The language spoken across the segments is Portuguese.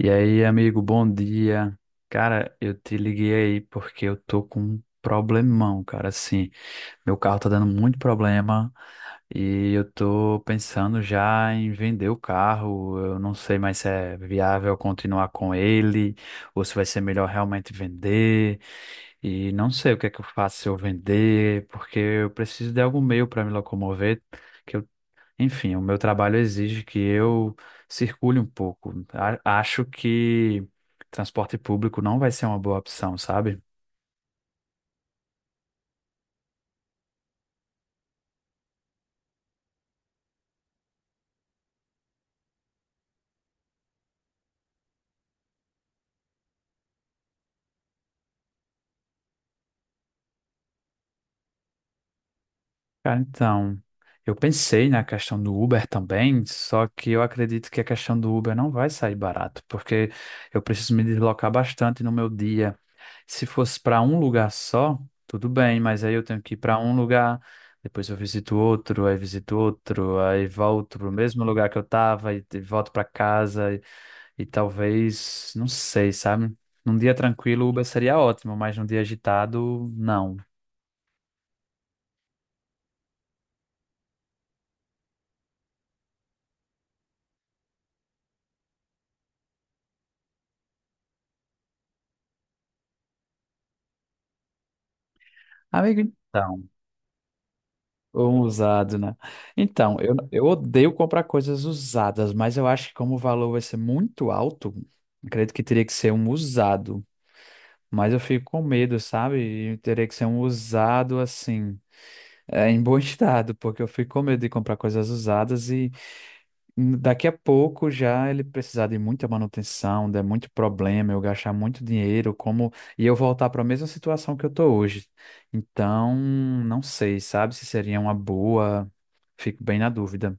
E aí, amigo, bom dia. Cara, eu te liguei aí porque eu tô com um problemão, cara. Assim, meu carro tá dando muito problema e eu tô pensando já em vender o carro. Eu não sei mais se é viável continuar com ele ou se vai ser melhor realmente vender. E não sei o que é que eu faço se eu vender, porque eu preciso de algum meio para me locomover. que eu o meu trabalho exige que eu circule um pouco. Acho que transporte público não vai ser uma boa opção, sabe? Cara, então, eu pensei na questão do Uber também, só que eu acredito que a questão do Uber não vai sair barato, porque eu preciso me deslocar bastante no meu dia. Se fosse para um lugar só, tudo bem, mas aí eu tenho que ir para um lugar, depois eu visito outro, aí volto para o mesmo lugar que eu estava e volto para casa. E talvez, não sei, sabe? Num dia tranquilo, Uber seria ótimo, mas num dia agitado, não. Amigo, então, um usado, né? Então, eu odeio comprar coisas usadas, mas eu acho que como o valor vai ser muito alto, acredito que teria que ser um usado. Mas eu fico com medo, sabe? E teria que ser um usado assim, é, em bom estado, porque eu fico com medo de comprar coisas usadas e daqui a pouco já ele precisar de muita manutenção, der muito problema, eu gastar muito dinheiro, como e eu voltar para a mesma situação que eu tô hoje. Então, não sei, sabe, se seria uma boa, fico bem na dúvida.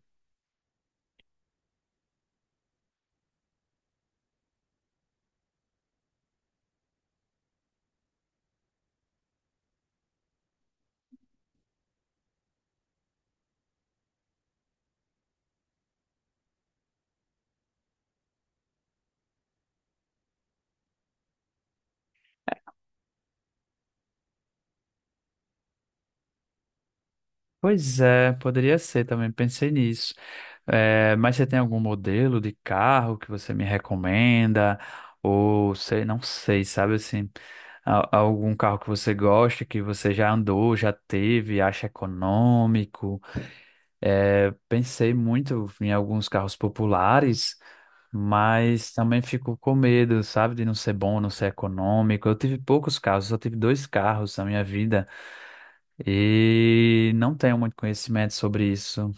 Pois é, poderia ser também, pensei nisso. Mas você tem algum modelo de carro que você me recomenda? Ou sei, não sei, sabe assim, algum carro que você gosta, que você já andou, já teve, acha econômico? É, pensei muito em alguns carros populares, mas também fico com medo, sabe, de não ser bom, não ser econômico. Eu tive poucos carros, só tive dois carros na minha vida e não tenho muito conhecimento sobre isso.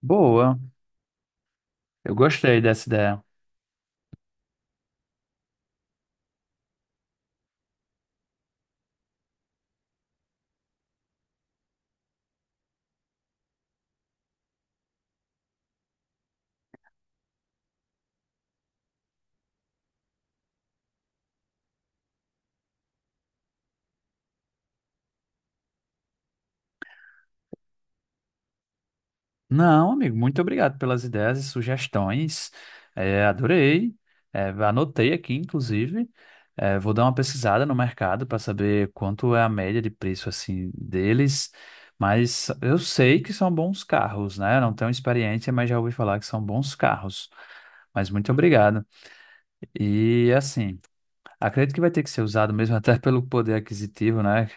Boa, eu gostei dessa ideia. Não, amigo, muito obrigado pelas ideias e sugestões. É, adorei. É, anotei aqui, inclusive. É, vou dar uma pesquisada no mercado para saber quanto é a média de preço assim deles. Mas eu sei que são bons carros, né? Eu não tenho experiência, mas já ouvi falar que são bons carros. Mas muito obrigado. E assim, acredito que vai ter que ser usado mesmo até pelo poder aquisitivo, né?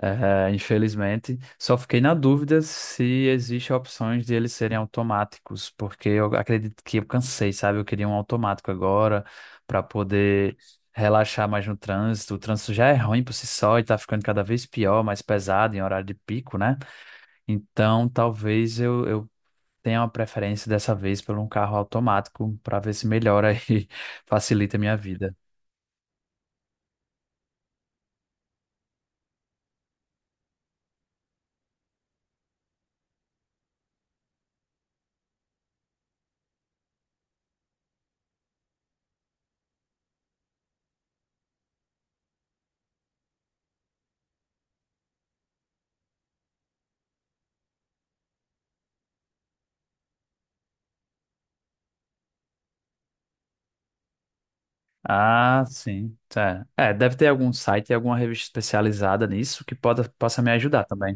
É, infelizmente, só fiquei na dúvida se existe opções de eles serem automáticos, porque eu acredito que eu cansei, sabe? Eu queria um automático agora para poder relaxar mais no trânsito. O trânsito já é ruim por si só e tá ficando cada vez pior, mais pesado em horário de pico, né? Então, talvez eu tenha uma preferência dessa vez por um carro automático para ver se melhora e facilita a minha vida. Ah, sim. Tá. É, deve ter algum site, alguma revista especializada nisso que possa me ajudar também.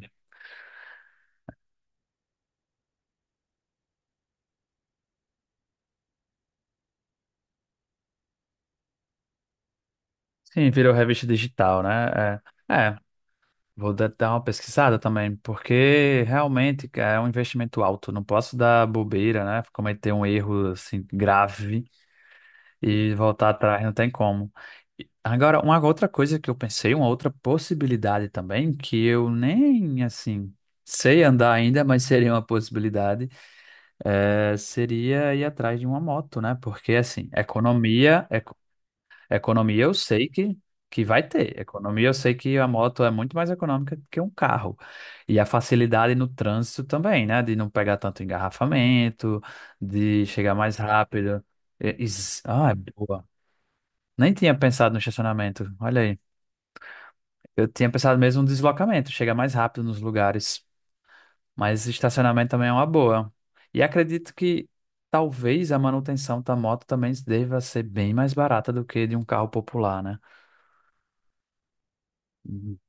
Sim, virou revista digital, né? É, é, vou dar uma pesquisada também, porque realmente cara, é um investimento alto. Não posso dar bobeira, né? Cometer um erro assim grave e voltar atrás, não tem como. E agora, uma outra coisa que eu pensei, uma outra possibilidade também, que eu nem assim sei andar ainda, mas seria uma possibilidade é, seria ir atrás de uma moto, né? Porque, assim, economia, economia eu sei que vai ter. Economia eu sei que a moto é muito mais econômica que um carro. E a facilidade no trânsito também, né? De não pegar tanto engarrafamento, de chegar mais rápido. Ah, é boa. Nem tinha pensado no estacionamento. Olha aí. Eu tinha pensado mesmo no deslocamento, chegar mais rápido nos lugares. Mas estacionamento também é uma boa. E acredito que talvez a manutenção da moto também deva ser bem mais barata do que de um carro popular, né? Uhum.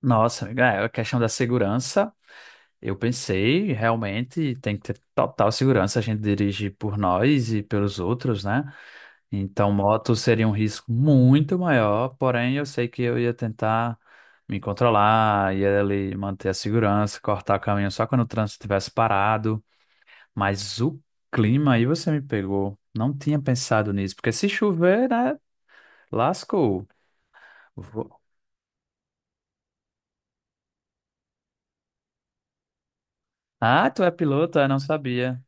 Nossa, é, a questão da segurança, eu pensei, realmente tem que ter total segurança, a gente dirige por nós e pelos outros, né? Então, moto seria um risco muito maior, porém eu sei que eu ia tentar me controlar, ia ali manter a segurança, cortar o caminho só quando o trânsito estivesse parado. Mas o clima aí você me pegou. Não tinha pensado nisso, porque se chover, né, lascou. Vou- Ah, tu é piloto? Ah, não sabia.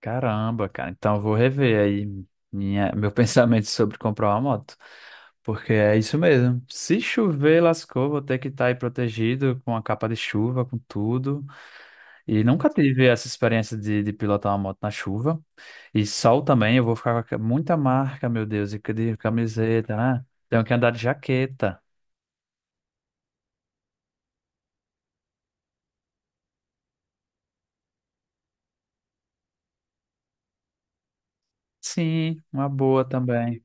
Caramba, cara. Então eu vou rever aí minha, meu pensamento sobre comprar uma moto. Porque é isso mesmo. Se chover, lascou, vou ter que estar aí protegido com a capa de chuva, com tudo. E nunca tive essa experiência de pilotar uma moto na chuva. E sol também, eu vou ficar com muita marca, meu Deus, e de camiseta, né? Tenho que andar de jaqueta. Sim, uma boa também.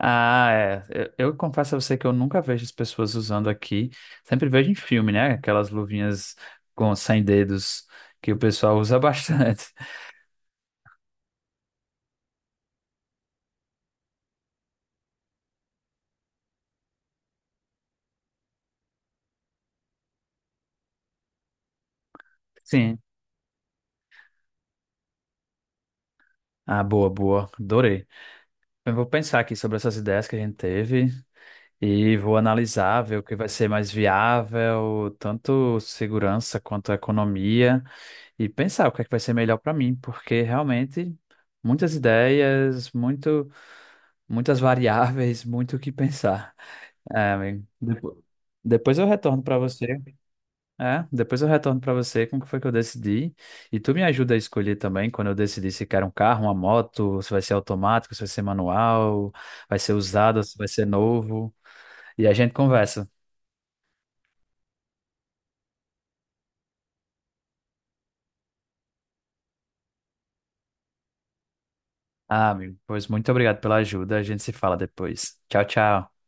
Ah, é. Eu confesso a você que eu nunca vejo as pessoas usando aqui. Sempre vejo em filme, né? Aquelas luvinhas com sem dedos que o pessoal usa bastante. Sim. Ah, boa, boa. Adorei. Eu vou pensar aqui sobre essas ideias que a gente teve e vou analisar, ver o que vai ser mais viável, tanto segurança quanto economia, e pensar o que é que vai ser melhor para mim, porque realmente muitas ideias, muito. Muitas variáveis, muito o que pensar. É, amigo. Depois, depois eu retorno para você. É, depois eu retorno para você como que foi que eu decidi. E tu me ajuda a escolher também quando eu decidir se quero um carro, uma moto, se vai ser automático, se vai ser manual, vai ser usado, se vai ser novo. E a gente conversa. Ah, amigo, pois muito obrigado pela ajuda. A gente se fala depois. Tchau, tchau.